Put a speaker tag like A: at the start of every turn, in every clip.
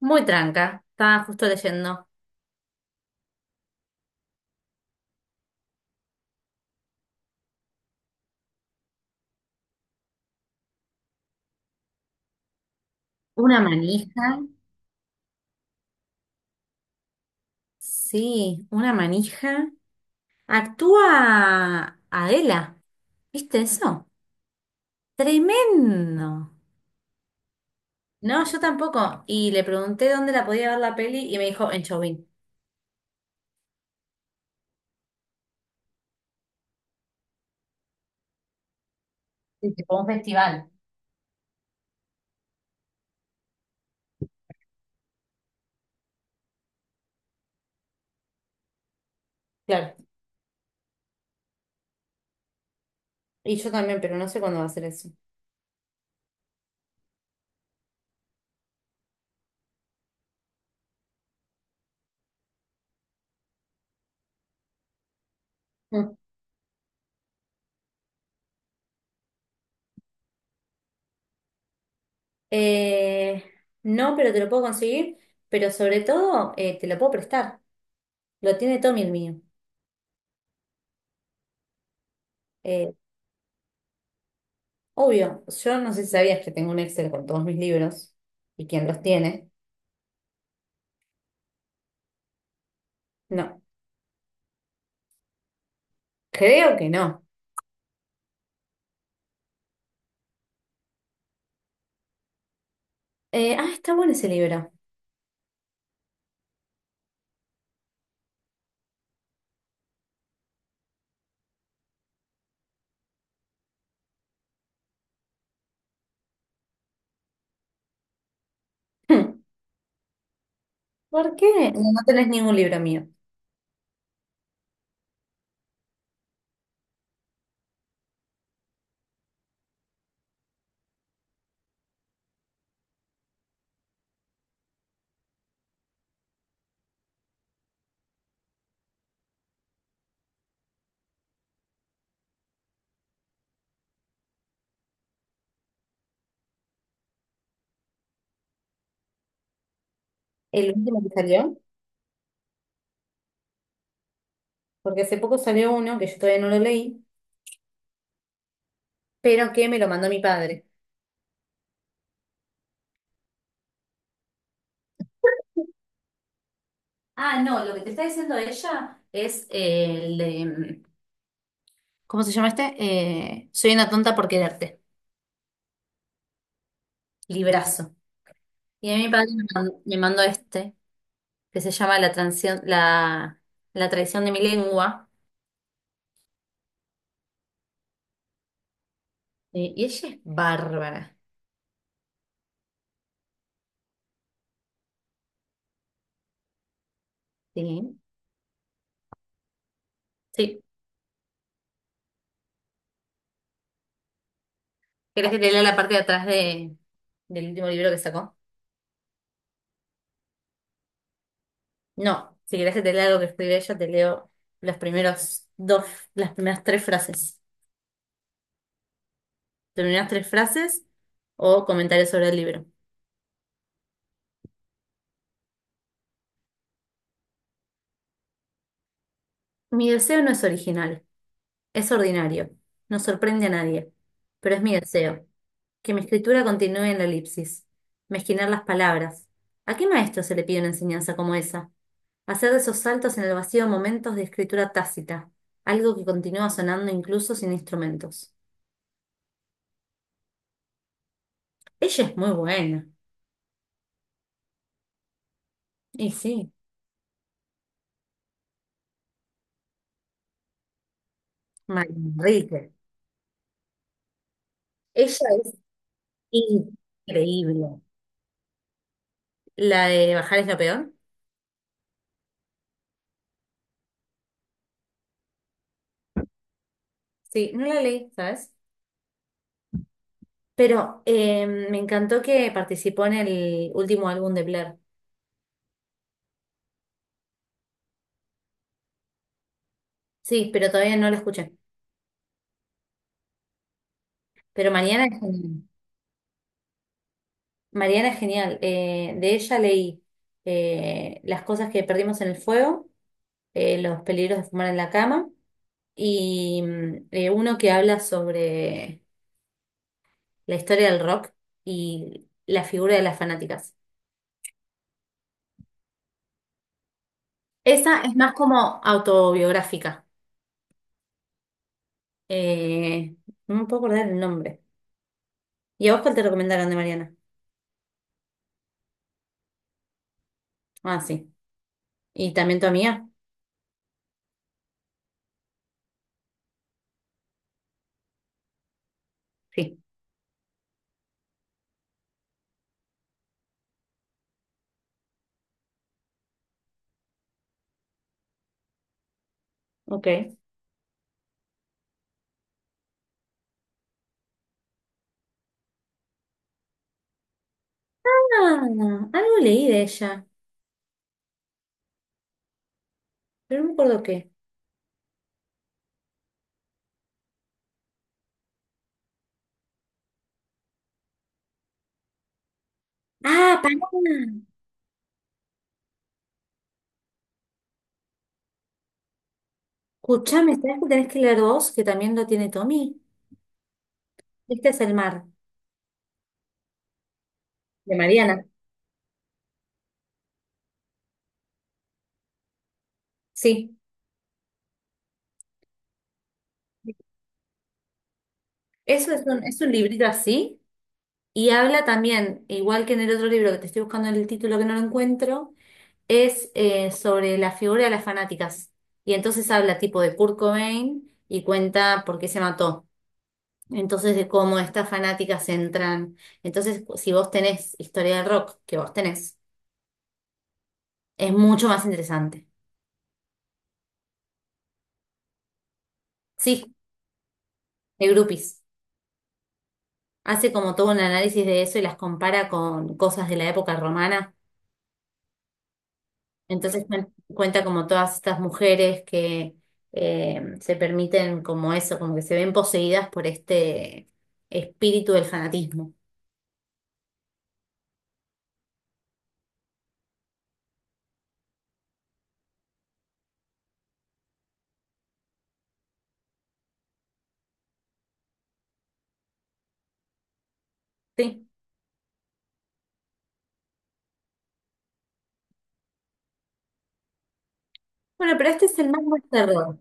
A: Muy tranca, estaba justo leyendo. Una manija, sí, una manija. Actúa Adela, ¿viste eso? Tremendo. No, yo tampoco. Y le pregunté dónde la podía ver la peli y me dijo en Chauvin. Sí, tipo un festival. Claro. Y yo también, pero no sé cuándo va a ser eso. Mm. Eh, no, pero te lo puedo conseguir, pero sobre todo te lo puedo prestar. Lo tiene Tommy el mío. Eh, Obvio, yo no sé si sabías que tengo un Excel con todos mis libros y quién los tiene. No, creo que no. Está bueno ese libro. Hmm. ¿Por qué? No, no tenés ningún libro mío. El último que salió, porque hace poco salió uno que yo todavía no lo leí, pero que me lo mandó mi padre. Ah, no, lo que te está diciendo ella es el de, ¿cómo se llama este? Soy una tonta por quererte. Librazo. Y a mi padre me mandó este, que se llama La transición, la traición de mi lengua. Y ella es bárbara. Sí. Sí. ¿Querés que te lea la parte de atrás del último libro que sacó? No. Si querés que te lea lo que escribió ella, te leo los primeros dos, las primeras tres frases. Las primeras tres frases o comentarios sobre el libro. Mi deseo no es original, es ordinario. No sorprende a nadie, pero es mi deseo. Que mi escritura continúe en la elipsis. Mezquinar las palabras. ¿A qué maestro se le pide una enseñanza como esa? Hacer de esos saltos en el vacío momentos de escritura tácita, algo que continúa sonando incluso sin instrumentos. Ella es muy buena. Y sí. María Enrique. Ella es increíble. La de Bajar es lo peor. Sí, no la leí, ¿sabes? Pero me encantó que participó en el último álbum de Blair. Sí, pero todavía no la escuché. Pero mañana es genial. Mariana es genial. De ella leí las cosas que perdimos en el fuego, los peligros de fumar en la cama y uno que habla sobre la historia del rock y la figura de las fanáticas. Esa es más como autobiográfica. Eh, no me puedo acordar el nombre. ¿Y a vos cuál te recomendaron de Mariana? Ah, sí. ¿Y también tu amiga? Sí. Ok. Ah, algo leí de ella, pero no me acuerdo qué. Ah, pará. Escuchame, ¿sabes que tenés que leer vos? Que también lo tiene Tommy. Este es el mar, de Mariana. Sí. Eso es es un librito así. Y habla también, igual que en el otro libro que te estoy buscando el título que no lo encuentro, es sobre la figura de las fanáticas. Y entonces habla tipo de Kurt Cobain y cuenta por qué se mató. Entonces de cómo estas fanáticas entran. Entonces, si vos tenés historia del rock, que vos tenés, es mucho más interesante. Sí, de groupies. Hace como todo un análisis de eso y las compara con cosas de la época romana. Entonces cuenta como todas estas mujeres que se permiten como eso, como que se ven poseídas por este espíritu del fanatismo. Sí. Bueno, pero este es el más de terror.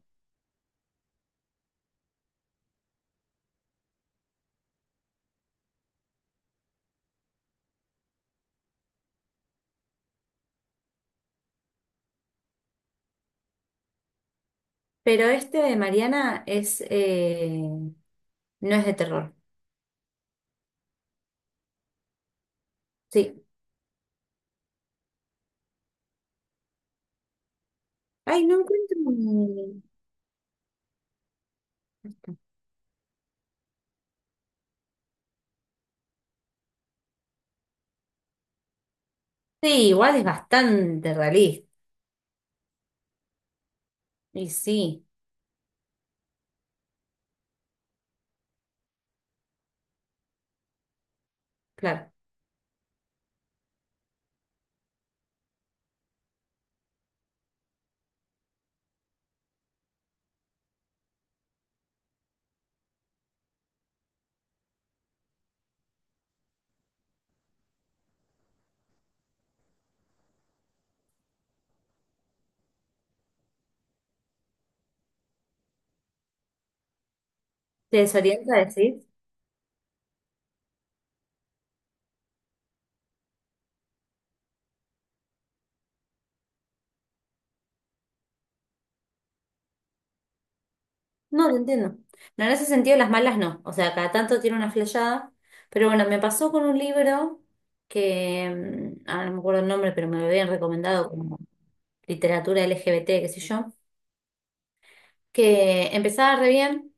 A: Pero este de Mariana es no es de terror. Sí. Ay, no encuentro. Sí, igual es bastante realista. Y sí, claro. ¿Te desorienta decir? No, lo entiendo. No, en ese sentido las malas no. O sea, cada tanto tiene una flashada. Pero bueno, me pasó con un libro que, ahora no me acuerdo el nombre, pero me lo habían recomendado como literatura LGBT, qué sé yo, que empezaba re bien.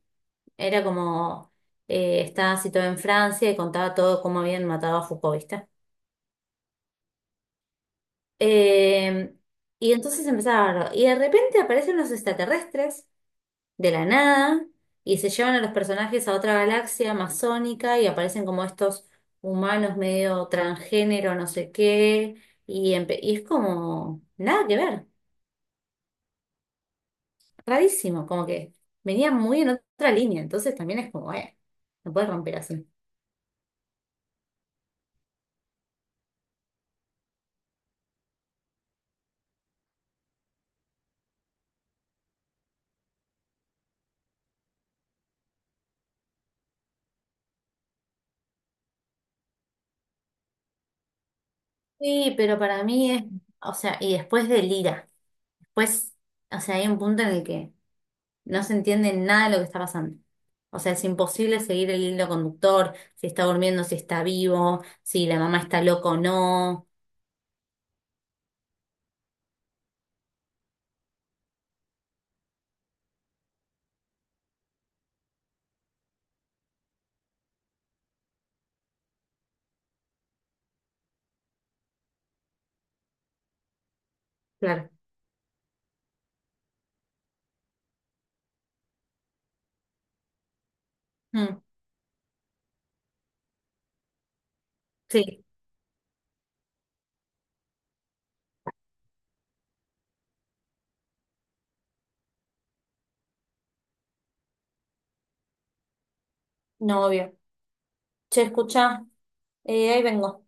A: Era como, estaba situado en Francia y contaba todo cómo habían matado a Foucault, ¿viste? Eh, y entonces empezaba a hablar. Y de repente aparecen unos extraterrestres de la nada y se llevan a los personajes a otra galaxia amazónica y aparecen como estos humanos medio transgénero, no sé qué, y, y es como nada que ver, rarísimo, como que venía muy en otra línea, entonces también es como, no puedes romper así. Sí, pero para mí es, o sea, y después de Lira, después, o sea, hay un punto en el que no se entiende nada de lo que está pasando. O sea, es imposible seguir el hilo conductor, si está durmiendo, si está vivo, si la mamá está loca o no. Claro. Mm, sí, no, obvio. Che, escuchá, ahí vengo.